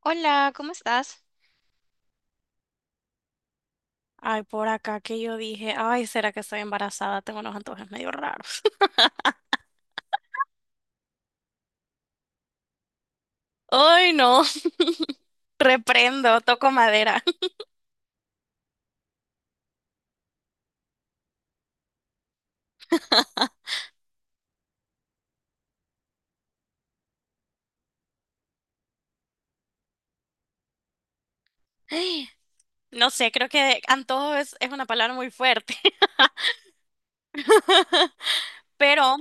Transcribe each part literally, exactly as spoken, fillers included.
Hola, ¿cómo estás? Ay, por acá que yo dije, ay, ¿será que estoy embarazada? Tengo unos antojos medio raros. Ay, no. Reprendo, toco madera. No sé, creo que antojo es, es una palabra muy fuerte, pero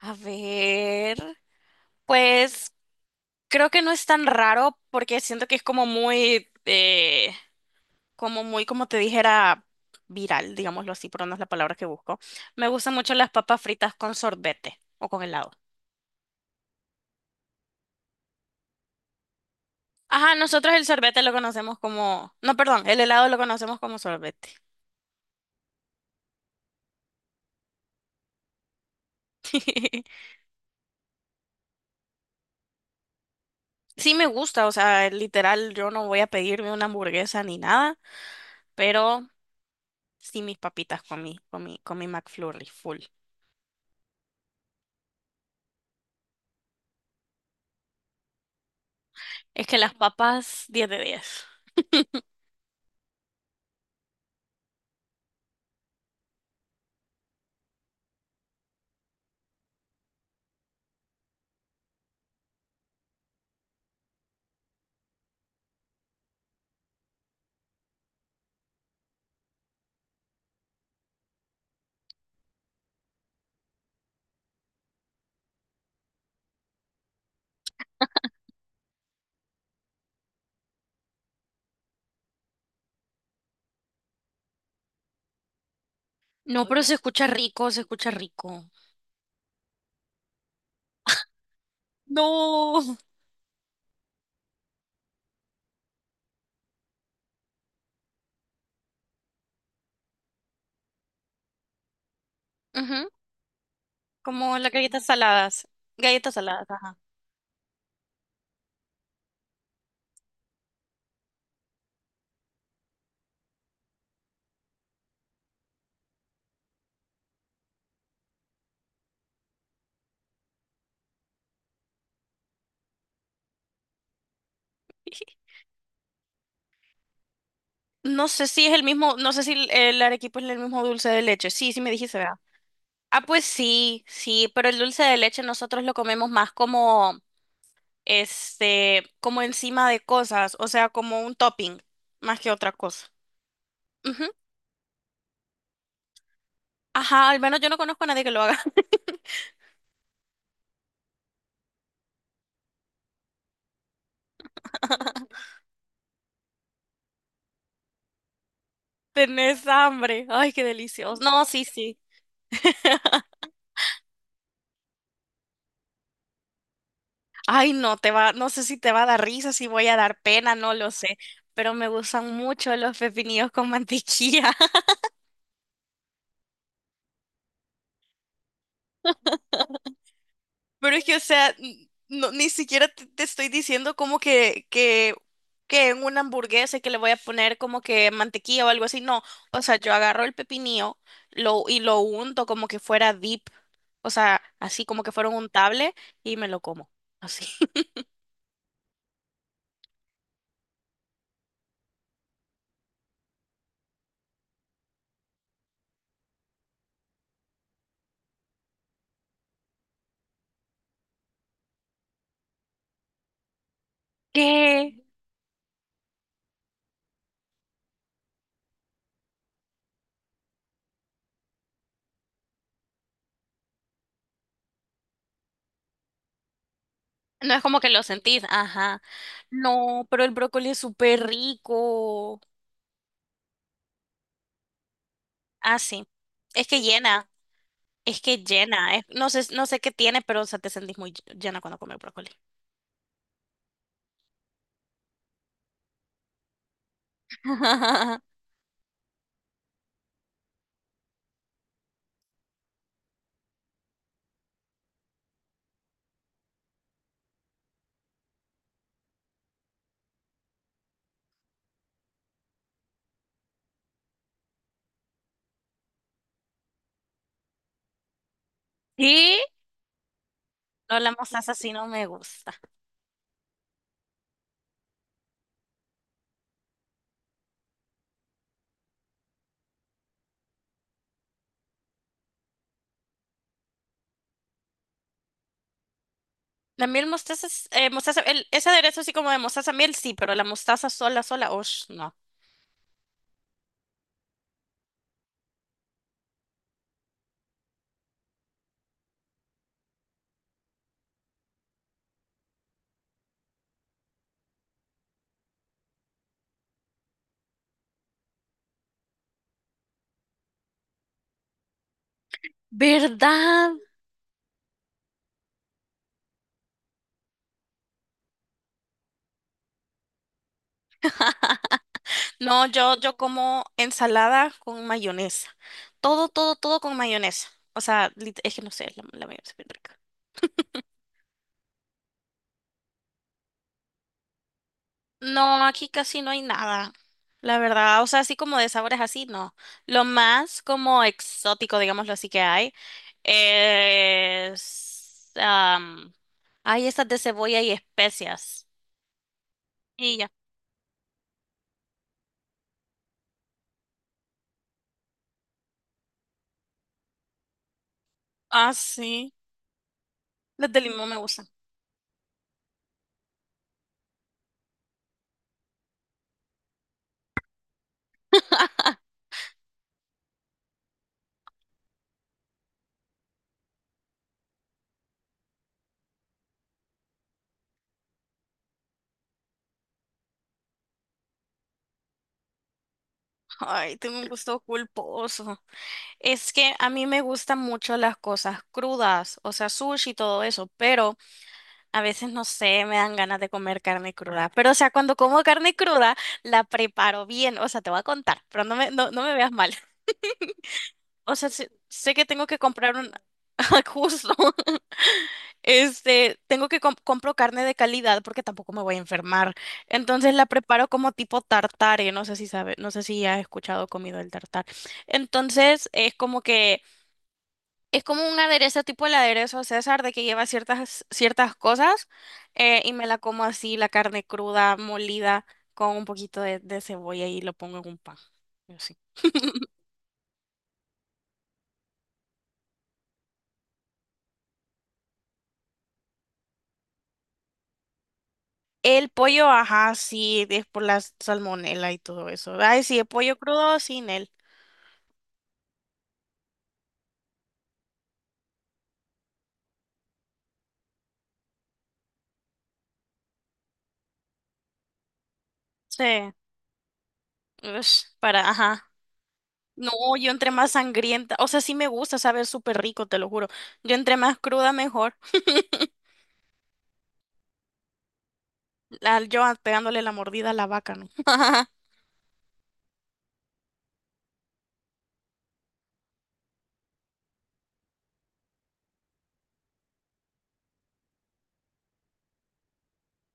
a ver, pues creo que no es tan raro porque siento que es como muy, eh, como muy, como te dijera, viral, digámoslo así, pero no es la palabra que busco. Me gustan mucho las papas fritas con sorbete o con helado. Ajá, nosotros el sorbete lo conocemos como, no, perdón, el helado lo conocemos como sorbete. Sí me gusta, o sea, literal, yo no voy a pedirme una hamburguesa ni nada, pero sí mis papitas con mi, con mi, con mi McFlurry full. Es que las papas diez de diez. No, pero se escucha rico, se escucha rico. No. Ujú. Como las galletas saladas. Galletas saladas, ajá. No sé si es el mismo, no sé si el el arequipe es el mismo dulce de leche. Sí, sí me dijiste. Ah, pues sí, sí, pero el dulce de leche nosotros lo comemos más como, este, como encima de cosas, o sea, como un topping, más que otra cosa. Ujú. Ajá, al menos yo no conozco a nadie que lo haga. Tenés hambre. Ay, qué delicioso. No, sí, sí. Ay, no, te va, no sé si te va a dar risa, si voy a dar pena, no lo sé. Pero me gustan mucho los pepinillos con mantequilla. Pero es que, o sea, n- no, ni siquiera te, te estoy diciendo como que, que, que en una hamburguesa que le voy a poner como que mantequilla o algo así. No, o sea, yo agarro el pepinillo lo, y lo unto como que fuera dip. O sea, así como que fuera un untable y me lo como. Así. ¿Qué? No es como que lo sentís. Ajá. No, pero el brócoli es súper rico. Ah, sí. Es que llena. Es que llena. Es- no sé, no sé qué tiene, pero o sea, te sentís muy ll- llena cuando comes brócoli. Y no, la mostaza sí no me gusta. La miel mostaza, es- eh, mostaza el- ese aderezo así como de mostaza miel, sí, pero la mostaza sola, sola, osh, no. ¿Verdad? No, yo, yo como ensalada con mayonesa. Todo, todo, todo con mayonesa. O sea, lit- es que no sé, la, la mayonesa es bien rica. No, aquí casi no hay nada. La verdad, o sea, así como de sabores así, no. Lo más como exótico, digámoslo así, que hay es, am, hay esas de cebolla y especias. Y ya. Ah, sí. Las de limón me gustan. Ay, tengo un gusto culposo. Es que a mí me gustan mucho las cosas crudas, o sea, sushi y todo eso, pero a veces no sé, me dan ganas de comer carne cruda. Pero, o sea, cuando como carne cruda, la preparo bien, o sea, te voy a contar, pero no me, no, no me veas mal. O sea, sé, sé que tengo que comprar un... Justo. Este, tengo que com- compro carne de calidad porque tampoco me voy a enfermar. Entonces la preparo como tipo tartare, no sé si sabe, no sé si has escuchado o comido el tartar. Entonces es como que es como un aderezo tipo el aderezo César de que lleva ciertas ciertas cosas, eh, y me la como así la carne cruda molida con un poquito de, de cebolla y lo pongo en un pan. Y así. El pollo, ajá, sí, es por la salmonela y todo eso. Ay, sí, el pollo crudo sin él. Sí. Ush, para, ajá. No, yo entre más sangrienta, o sea, sí me gusta saber súper rico, te lo juro. Yo entre más cruda, mejor. La- yo a- pegándole la mordida a la vaca, ¿no?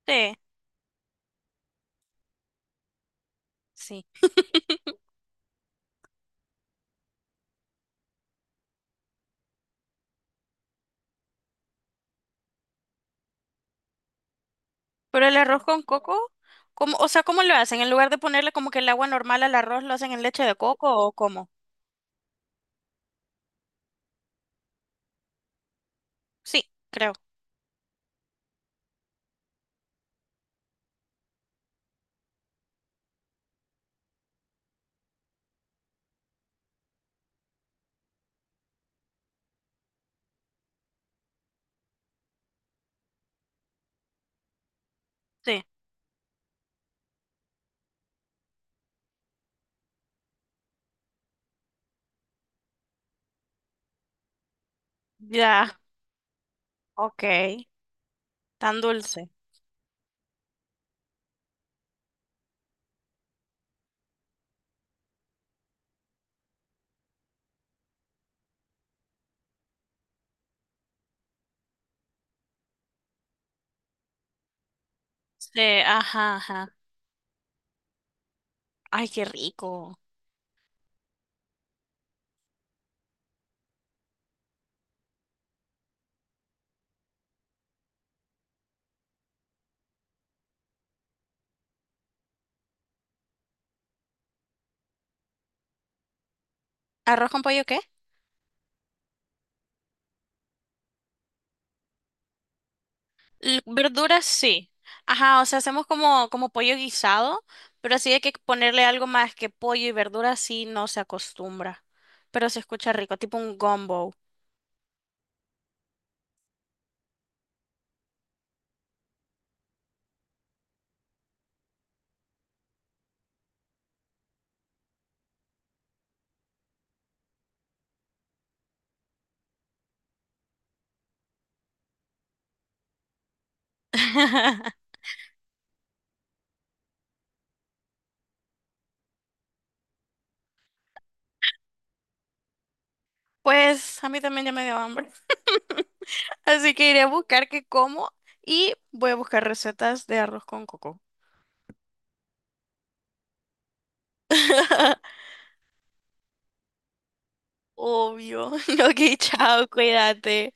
Sí, sí. Pero el arroz con coco, ¿cómo, o sea, ¿cómo lo hacen? En lugar de ponerle como que el agua normal al arroz, ¿lo hacen en leche de coco o cómo? Sí, creo. Sí. Ya, ok. Tan dulce. Sí, ajá, ajá. Ay, qué rico. ¿Arroz con pollo qué? L- Verduras sí. Ajá, o sea, hacemos como, como pollo guisado, pero así hay que ponerle algo más que pollo y verduras sí no se acostumbra. Pero se escucha rico, tipo un gumbo. Pues a mí también ya me dio hambre. Así que iré a buscar qué como y voy a buscar recetas de arroz con coco. Obvio. Ok, chao, cuídate.